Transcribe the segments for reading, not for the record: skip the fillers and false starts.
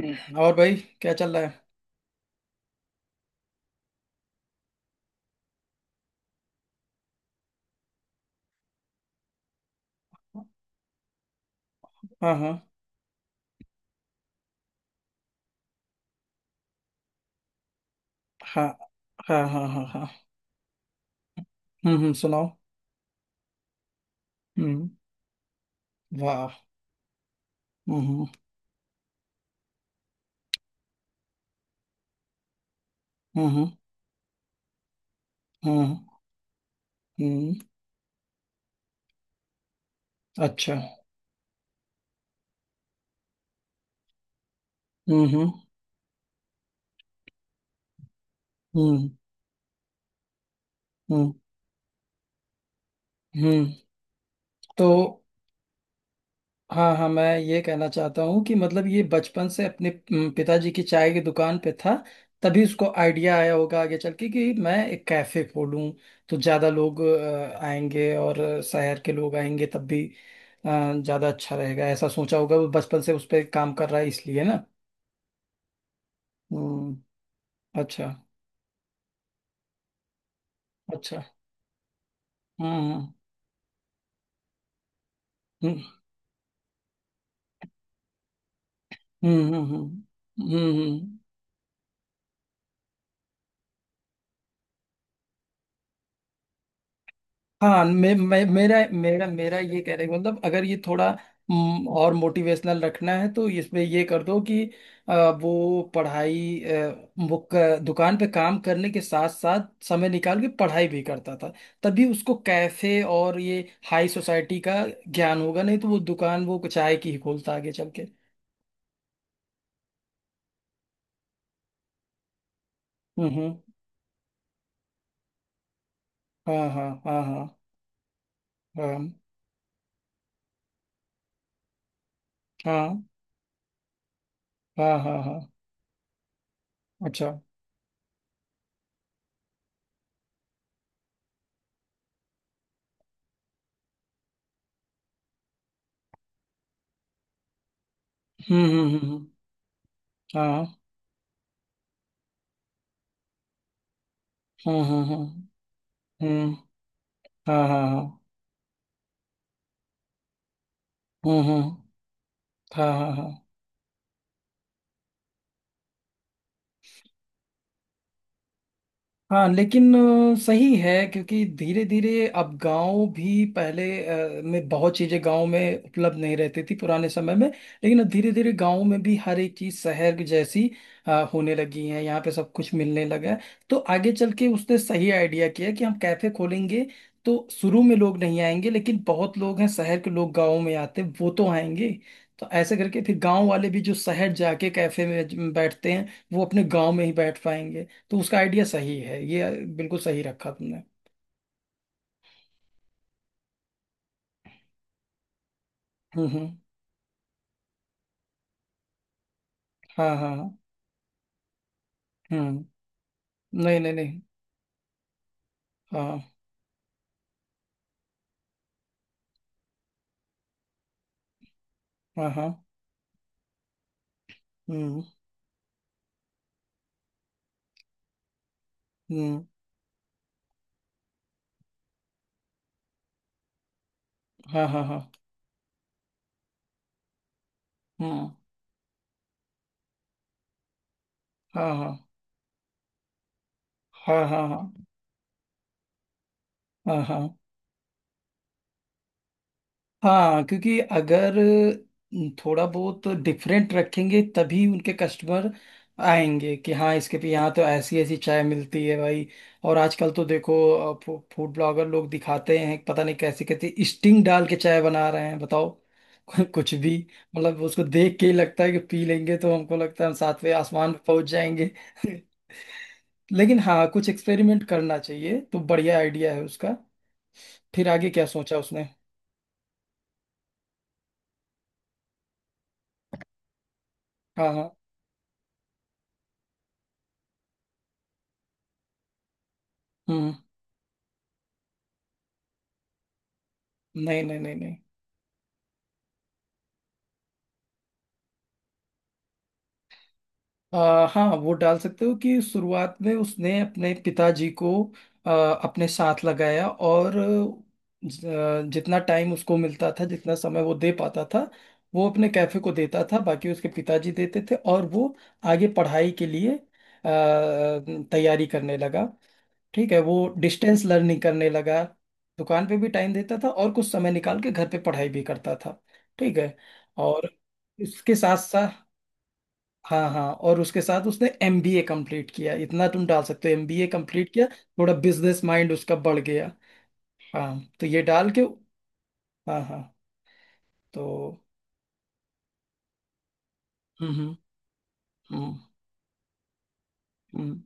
और भाई, क्या चल रहा है? हाँ, हाँ, हाँ, हाँ, हाँ, हाँ, हाँ। हम्म, हम्म, सुनाओ। हम्म। वाह। हम्म, हम्म, हम्म, हम्म, हम्म। अच्छा। हम्म, हम्म, हम्म, हम्म, हम्म। तो हाँ, हाँ, मैं ये कहना चाहता हूँ कि मतलब ये बचपन से अपने पिताजी की चाय की दुकान पे था। तभी उसको आइडिया आया होगा आगे चल के कि मैं एक कैफे खोलूँ तो ज़्यादा लोग आएंगे, और शहर के लोग आएंगे तब भी ज़्यादा अच्छा रहेगा। ऐसा सोचा होगा, वो बचपन से उस पर काम कर रहा है इसलिए ना। हम्म। अच्छा। अच्छा। हम्म, हम्म, हम्म, हम्म, हम्म, हम्म, हाँ, मे, मे, मेरा मेरा मेरा ये कह रहे मतलब अगर ये थोड़ा और मोटिवेशनल रखना है तो इसमें ये कर दो कि अ, वो पढ़ाई अ, वो क- दुकान पे काम करने के साथ साथ समय निकाल के पढ़ाई भी करता था। तभी उसको कैफे और ये हाई सोसाइटी का ज्ञान होगा, नहीं तो वो चाय की ही खोलता आगे चल के। हम्म, हाँ, हाँ, हाँ, हाँ, हाँ, हाँ, हाँ, हाँ, हाँ। अच्छा। हम्म, हम्म, हम्म, हाँ, हम्म, हम्म, हम्म, हम्म, हाँ, हाँ, हाँ, हम्म, हम्म, हाँ, हाँ, हाँ। हाँ, लेकिन सही है क्योंकि धीरे धीरे अब गांव भी पहले में बहुत चीजें गांव में उपलब्ध नहीं रहती थी पुराने समय में, लेकिन अब धीरे धीरे गांव में भी हर एक चीज शहर की जैसी होने लगी है। यहाँ पे सब कुछ मिलने लगा है। तो आगे चल के उसने सही आइडिया किया कि हम कैफे खोलेंगे। तो शुरू में लोग नहीं आएंगे, लेकिन बहुत लोग हैं, शहर के लोग गाँव में आते हैं, वो तो आएंगे। तो ऐसे करके फिर गांव वाले भी जो शहर जाके कैफे में बैठते हैं, वो अपने गांव में ही बैठ पाएंगे। तो उसका आइडिया सही है ये, बिल्कुल सही रखा तुमने। हम्म, हम्म, हाँ, हाँ, हाँ, हम्म। नहीं, नहीं, नहीं। हाँ, हाँ, हाँ, हम्म, हम्म, हाँ, हाँ, हाँ, हम्म, हाँ, हाँ, हाँ, हाँ, हाँ, हाँ, हाँ, हाँ। क्योंकि अगर थोड़ा बहुत डिफरेंट रखेंगे तभी उनके कस्टमर आएंगे कि हाँ, इसके पे यहाँ तो ऐसी ऐसी चाय मिलती है भाई। और आजकल तो देखो, फूड ब्लॉगर लोग दिखाते हैं, पता नहीं कैसे कैसे स्टिंग डाल के चाय बना रहे हैं बताओ। कुछ भी। मतलब उसको देख के ही लगता है कि पी लेंगे तो हमको लगता है हम सातवें आसमान पे पहुंच जाएंगे। लेकिन हाँ, कुछ एक्सपेरिमेंट करना चाहिए तो बढ़िया आइडिया है उसका। फिर आगे क्या सोचा उसने? हाँ, हाँ, हम्म। नहीं, नहीं, नहीं, नहीं। हाँ, वो डाल सकते हो कि शुरुआत में उसने अपने पिताजी को अपने साथ लगाया, और जितना टाइम उसको मिलता था, जितना समय वो दे पाता था वो अपने कैफे को देता था, बाकी उसके पिताजी देते थे। और वो आगे पढ़ाई के लिए तैयारी करने लगा। ठीक है, वो डिस्टेंस लर्निंग करने लगा। दुकान पे भी टाइम देता था और कुछ समय निकाल के घर पे पढ़ाई भी करता था। ठीक है। और इसके साथ साथ, हाँ, हाँ, और उसके साथ उसने एमबीए कंप्लीट किया। इतना तुम डाल सकते हो, एमबीए कंप्लीट किया। थोड़ा बिजनेस माइंड उसका बढ़ गया। हाँ, तो ये डाल के। हाँ, हाँ। तो हम्म, हम्म, हम्म, हम्म,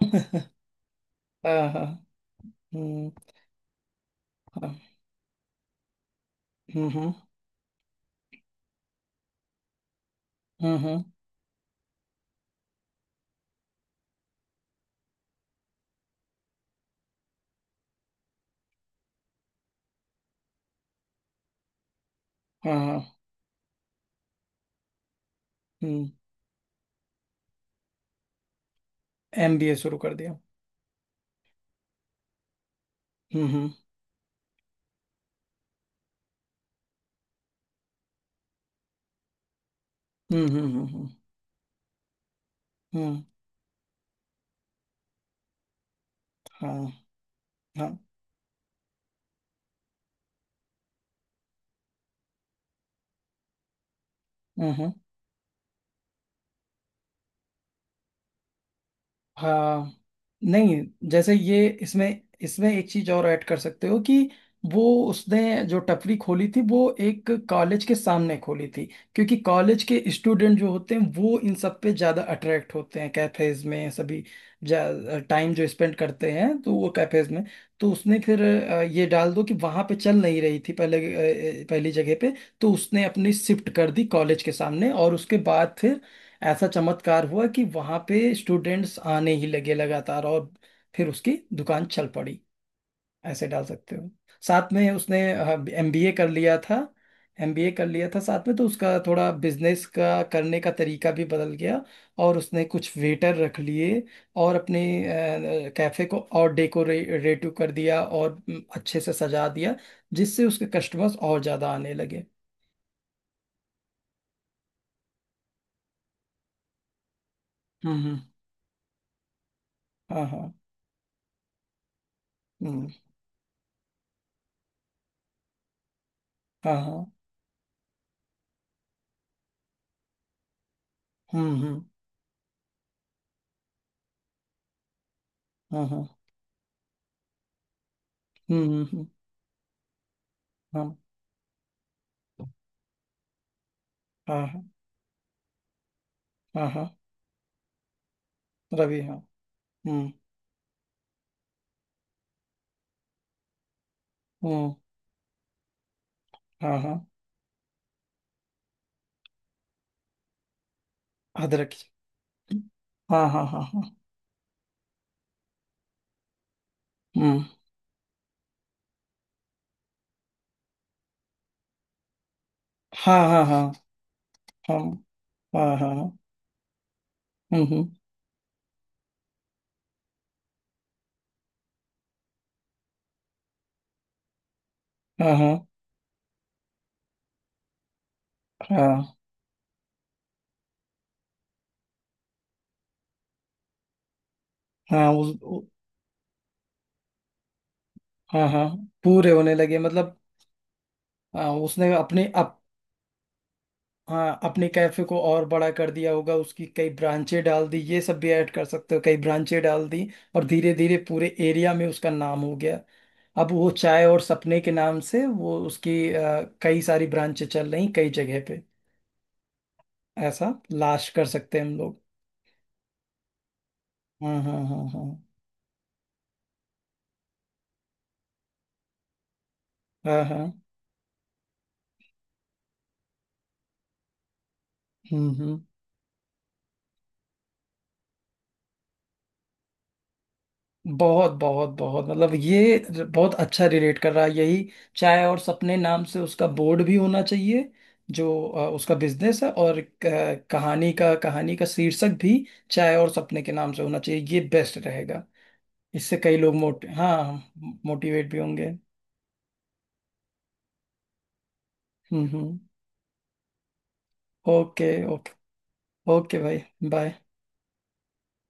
हाँ, हाँ, हम्म, हाँ, हम्म, हम्म, हम्म, हम्म, हाँ, हाँ, हम्म। एमबीए शुरू कर दिया। हम्म, हम्म, हम्म, हम्म, हम्म, हम्म, हाँ, हाँ, हम्म, हम्म। हाँ, नहीं, जैसे ये इसमें इसमें एक चीज और ऐड कर सकते हो कि वो, उसने जो टपरी खोली थी वो एक कॉलेज के सामने खोली थी, क्योंकि कॉलेज के स्टूडेंट जो होते हैं वो इन सब पे ज्यादा अट्रैक्ट होते हैं, कैफेज में सभी टाइम जो स्पेंड करते हैं तो वो कैफेज में। तो उसने फिर ये डाल दो कि वहां पे चल नहीं रही थी पहले, पहली जगह पे। तो उसने अपनी शिफ्ट कर दी कॉलेज के सामने, और उसके बाद फिर ऐसा चमत्कार हुआ कि वहां पे स्टूडेंट्स आने ही लगे लगातार, और फिर उसकी दुकान चल पड़ी। ऐसे डाल सकते हो। साथ में उसने एमबीए कर लिया था। एमबीए कर लिया था साथ में, तो उसका थोड़ा बिजनेस का करने का तरीका भी बदल गया। और उसने कुछ वेटर रख लिए और अपने कैफे को और डेकोरेटिव कर दिया, और अच्छे से सजा दिया, जिससे उसके कस्टमर्स और ज्यादा आने लगे। हम्म, हम्म, हाँ, हाँ, हम्म, हाँ, हाँ, हम्म, हम्म, हाँ, हाँ, हम्म, हाँ, हाँ, हाँ, हाँ, हाँ। रवि, हाँ। हम्म, हम्म, हाँ, हाँ। अदरक, हाँ, हाँ, हाँ, हाँ, हम्म, हाँ, हाँ, हाँ, हाँ, हाँ, हाँ, हाँ, हम्म, हाँ, हाँ, हाँ, हाँ हाँ, हाँ, पूरे होने लगे मतलब। हाँ, उसने अपने अप हाँ, अपने कैफे को और बड़ा कर दिया होगा, उसकी कई ब्रांचें डाल दी, ये सब भी ऐड कर सकते हो, कई ब्रांचें डाल दी। और धीरे धीरे पूरे एरिया में उसका नाम हो गया। अब वो चाय और सपने के नाम से वो उसकी कई सारी ब्रांचें चल रही कई जगह पे। ऐसा लाश कर सकते हैं हम लोग। हाँ, हाँ, हाँ, हाँ, हाँ, हाँ, हम्म, हम्म। बहुत बहुत बहुत, मतलब ये बहुत अच्छा रिलेट कर रहा है यही, चाय और सपने नाम से उसका बोर्ड भी होना चाहिए। जो उसका बिजनेस है, और कहानी का शीर्षक भी चाय और सपने के नाम से होना चाहिए, ये बेस्ट रहेगा। इससे कई लोग मोट हाँ, मोटिवेट भी होंगे। हम्म, हम्म। ओके। ओके। ओके भाई। बाय।